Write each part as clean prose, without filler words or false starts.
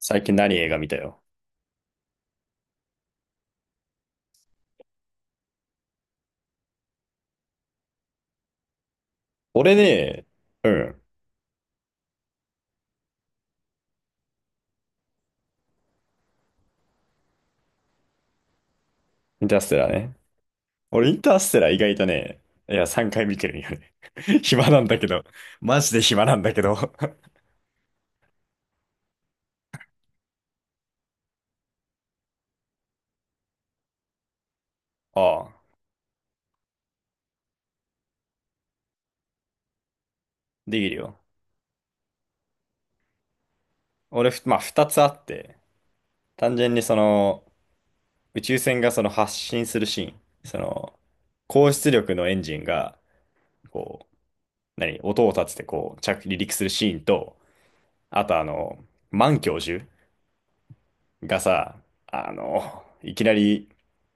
最近何映画見たよ。俺ね、うん、インターステラーね。俺インターステラー意外とね、いや、3回見てるんよね。暇なんだけど。マジで暇なんだけど。ああ、できるよ。俺、ふまあ、2つあって、単純に、宇宙船がその発進するシーン、その、高出力のエンジンが、こう、何、音を立ててこう、着離陸するシーンと、あと、満教授がさ、いきなり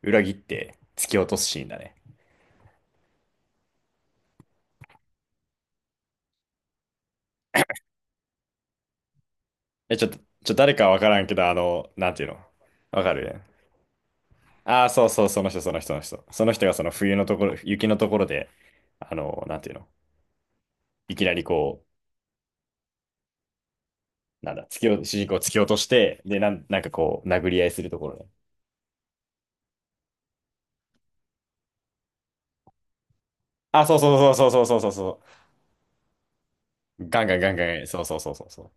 裏切って突き落とすシーンだね。え、ちょっと、誰かわからんけど、なんていうの。わかる。ああー、そうそう、その人。その人がその冬のところ、雪のところで、なんていうの。いきなりこう、なんだ、突き落と、主人公を突き落として、で、なんかこう、殴り合いするところね。あ、そうそうそうそうそうそうそうそう。ガンガンガンガン、そう。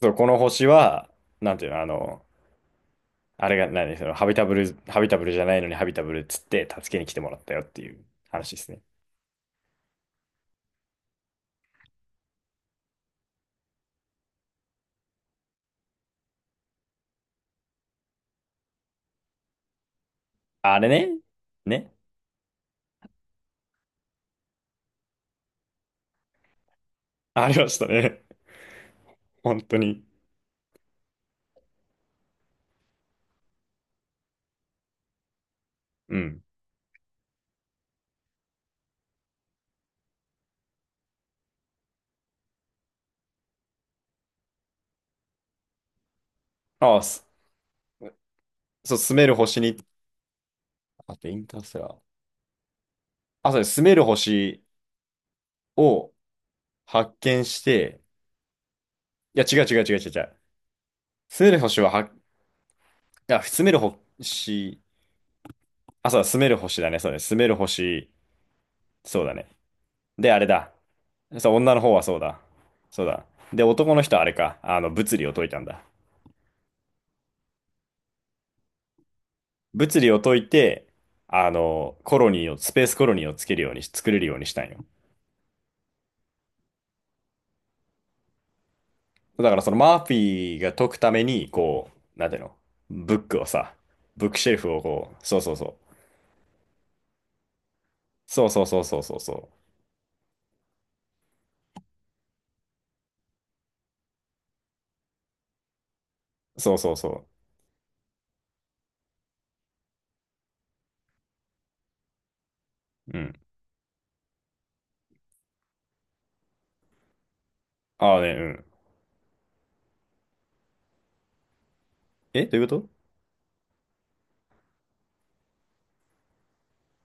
そう、この星は、なんていうの、あの、あれが何、その、ハビタブル、ハビタブルじゃないのにハビタブルっつって助けに来てもらったよっていう話ですね。あれね。ね。ありましたね。本当に。うん。ああ、そう、住める星に、あとインターステラー。あ、そうです。住める星を発見して、いや、違う。住める星は、は、あ、住める星、あ、そうだ、住める星だね。そうだね。住める星、そうだね。で、あれだ。そう、女の方はそうだ。そうだ。で、男の人はあれか。あの、物理を解いたんだ。物理を解いて、あの、コロニーを、スペースコロニーをつけるようにし、作れるようにしたんよ。だからそのマーフィーが解くために、こう、なんていうの、ブックをさ、ブックシェルフをこう、そうそうそう。そうそうそうそうそうそう。そうそうそう。うん。ああね、うん。え、どういうこと。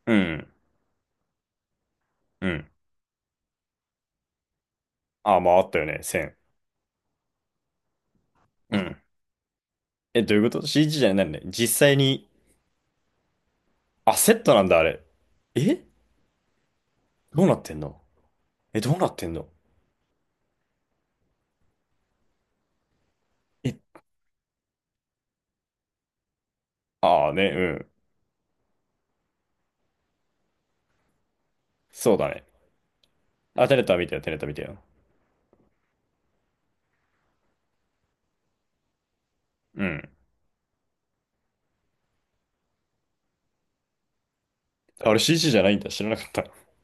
うん、うん。ああ、まああったよね、線。うん。え、どういうこと？ CG じゃないんだね。実際に、あ、セットなんだ、あれ。え、どうなってんの。え、どうなってんの。え、ああね、うん。そうだね。あ、テネットは見たよ、テネット見たよ。うん。あれ CG じゃないんだ。知らなかった。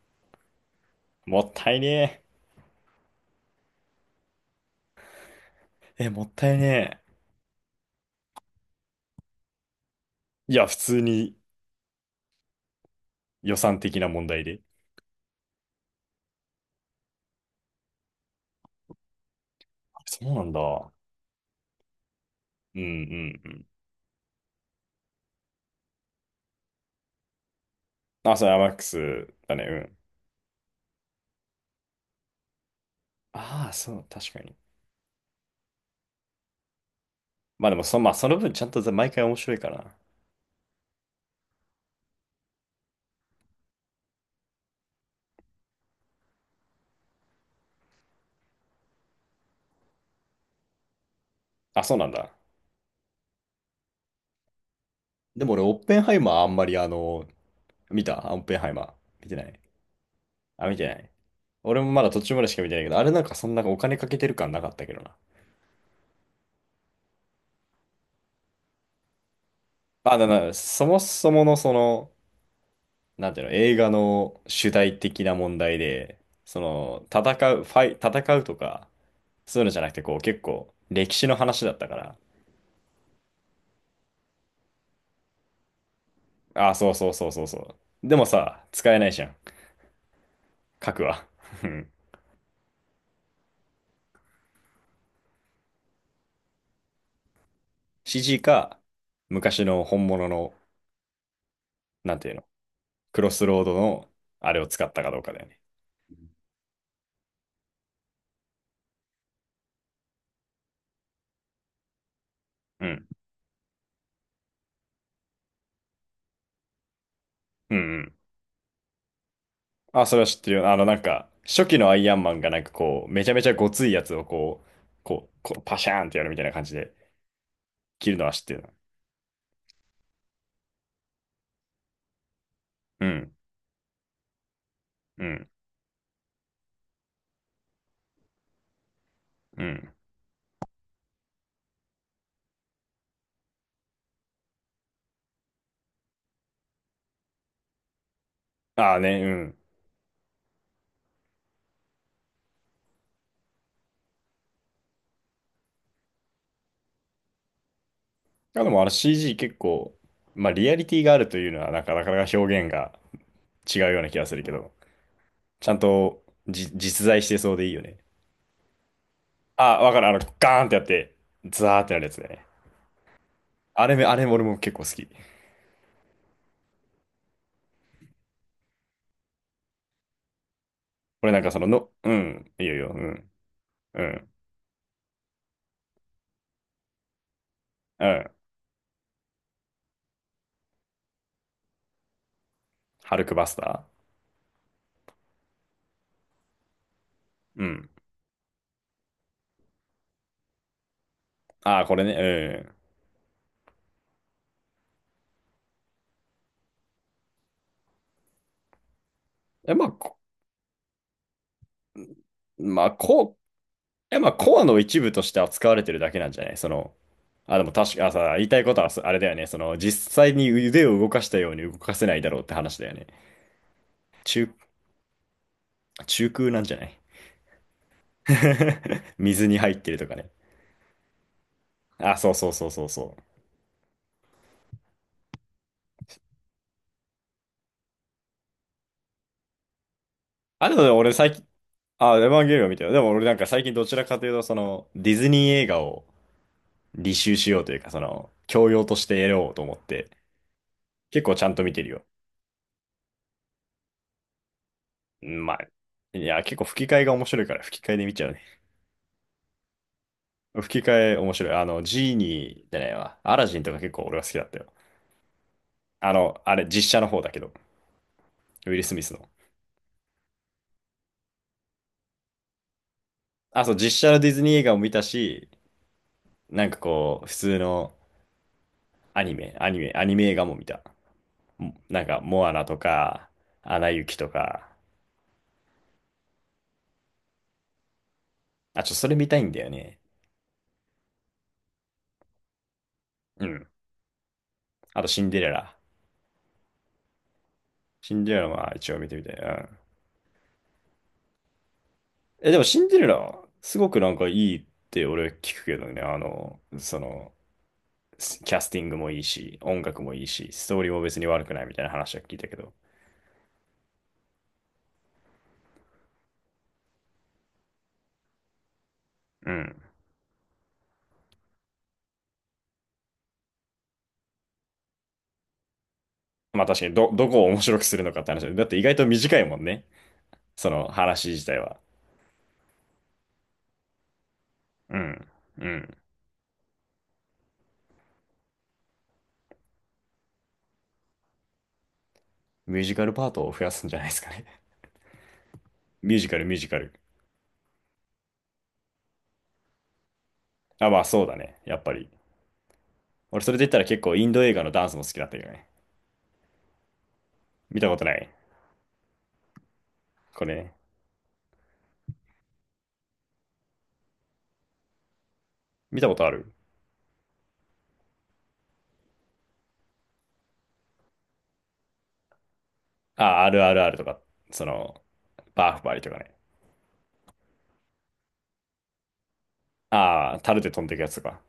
もったいねえ。え、もったいねえ。いや、普通に予算的な問題で。あ、そうなんだ。うんうんうん。あ、そう、アマックスだね。うん。ああ、そう、確かに。まあでも、まあその分ちゃんと毎回面白いから。あ、そうなんだ。でも俺、オッペンハイマーあんまり、見たオッペンハイマー。見てない。あ、見てない。俺もまだ途中までしか見てないけど、あれなんかそんなお金かけてる感なかったけどな。あ、そもそもの、なんていうの、映画の主題的な問題で、その、戦う、ファイ、戦うとか、そういうのじゃなくて、こう、結構、歴史の話だったから。ああ、そう。でもさ、使えないじゃん。書くは。うん。シージーか、昔の本物の、なんていうの、クロスロードの、あれを使ったかどうかだよね。うん。うんうん。あ、それは知ってるよ。なんか、初期のアイアンマンがなんかこう、めちゃめちゃごついやつをこう、こうパシャーンってやるみたいな感じで、切るのは知ってるな。うん。うん。うん。ああね、うん。あでもあの CG 結構、まあリアリティがあるというのはなかなか表現が違うような気がするけど、ちゃんと実在してそうでいいよね。あ、わかる。あの、ガーンってやって、ザーってなるやつだよね。あれめ、あれも俺も結構好き。俺なんか、うん、いいよいいよ、うん、うん、うん。ハルクバスター。うん。ああ、これね、うん。え、まあ、こ、まあ、こ、や、まあ、コアの一部として扱われてるだけなんじゃないその、あ、でも確か、言いたいことはそあれだよね。その、実際に腕を動かしたように動かせないだろうって話だよね。中、中空なんじゃない。 水に入ってるとかね。あ、そう。あ、でもね俺最近、あ、エヴァンゲリオン見てよ。でも俺なんか最近どちらかというと、その、ディズニー映画を履修しようというか、その、教養として得ようと思って、結構ちゃんと見てるよ。うんまあ、いや、結構吹き替えが面白いから吹き替えで見ちゃうね。吹き替え面白い。あの、ジーニーじゃないわ。アラジンとか結構俺は好きだったよ。あの、あれ、実写の方だけど、ウィル・スミスの。あ、そう、実写のディズニー映画も見たし、なんかこう、普通のアニメ映画も見た。なんか、モアナとか、アナ雪とか。あ、ちょ、それ見たいんだよね。うん。あと、シンデレラ。シンデレラは一応見てみたい。うん。え、でも、シンデレラ、すごくなんかいいって俺聞くけどね、あの、その、キャスティングもいいし、音楽もいいし、ストーリーも別に悪くないみたいな話は聞いたけど。うん。まあ確かに、どこを面白くするのかって話だ。って意外と短いもんね。その話自体は。うん。うん。ミュージカルパートを増やすんじゃないですかね。ミュージカル、ミュージカル。あ、まあそうだね。やっぱり。俺それで言ったら結構インド映画のダンスも好きだったけどね。見たことない。これ、ね、見たことある。あ、あるある、その、バーフバリとかね。ああ、タルで飛んでいくやつとか。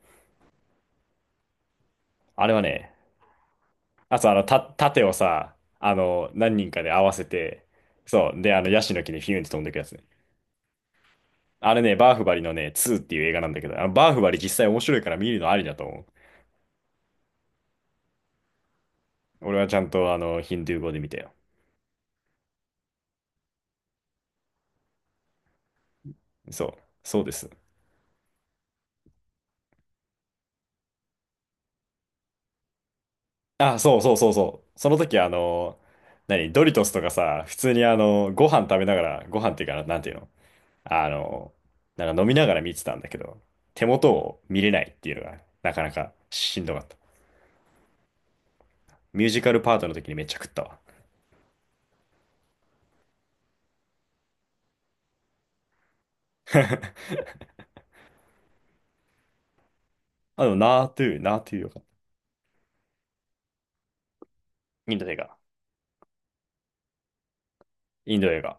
あれはね、あと、あの、盾をさ、あの、何人かで合わせて、そう。で、あの、ヤシの木にフィュンって飛んでくやつね。あれね、バーフバリのね、2っていう映画なんだけど、あの、バーフバリ実際面白いから見るのありだと思う。俺はちゃんと、あの、ヒンドゥー語で見たよ。そう。そうです。あ、そう。その時、あの、何、ドリトスとかさ、普通にあの、ご飯食べながら、ご飯っていうかな、なんていうの。あの、なんか飲みながら見てたんだけど、手元を見れないっていうのが、なかなかしんどかった。ミュージカルパートの時にめっちゃ食ったわ。あ、でも、ナートゥー、ナートゥーよかった。インド映画。インド映画。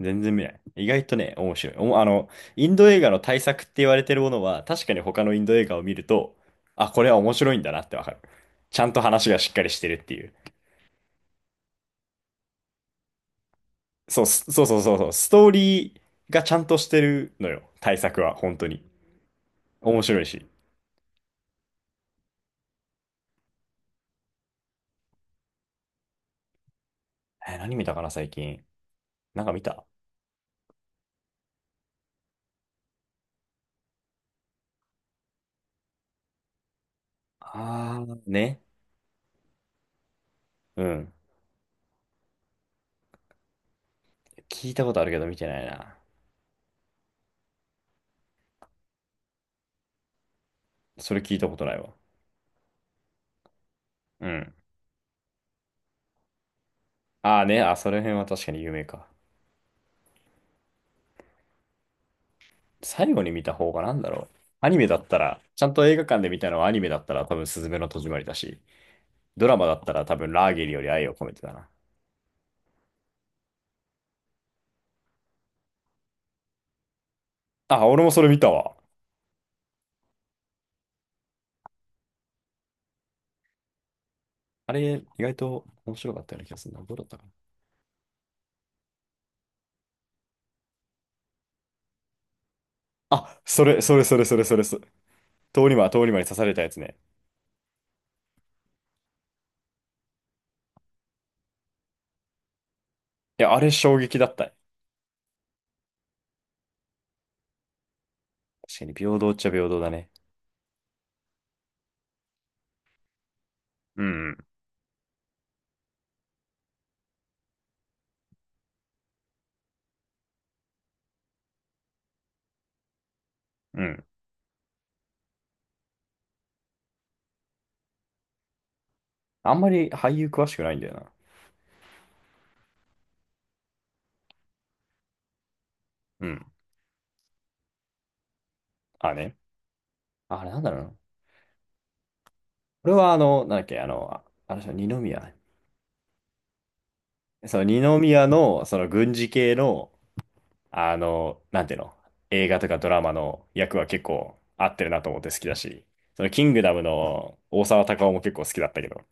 全然見ない。意外とね、面白い。おもあの、インド映画の対策って言われてるものは、確かに他のインド映画を見ると、あ、これは面白いんだなってわかる。ちゃんと話がしっかりしてるっていう。そう、すそうそうそうそう。ストーリーがちゃんとしてるのよ。対策は、本当に。面白いし。えー、何見たかな、最近。なんか見た。あー、ね。うん。聞いたことあるけど見てないな。それ聞いたことないわ。うん。ああね、あ、その辺は確かに有名か。最後に見た方がなんだろう。アニメだったら、ちゃんと映画館で見たのはアニメだったら多分スズメの戸締まりだし、ドラマだったら多分ラーゲリより愛を込めてだな。あ、俺もそれ見たわ。あれ、意外と面白かったような気がするな。どうだったかな。あ、それ。通り魔、通り魔に刺されたやつね。いや、あれ衝撃だった。確かに平等っちゃ平等だね。うん、うん。あんまり俳優詳しくないんだよな。うん。あね。あれなんだろうな。これはあの、なんだっけ、あの、ああの人、二宮。その二宮の、その軍事系の、あの、なんていうの、映画とかドラマの役は結構合ってるなと思って好きだし、そのキングダムの大沢たかおも結構好きだったけど、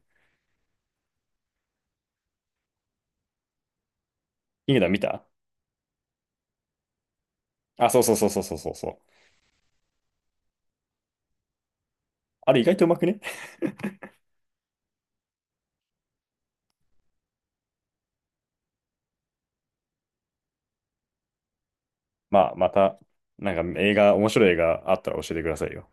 キングダム見た。あ、そう。あれ意外とうまくね。 まあ、また、なんか映画、面白い映画あったら教えてくださいよ。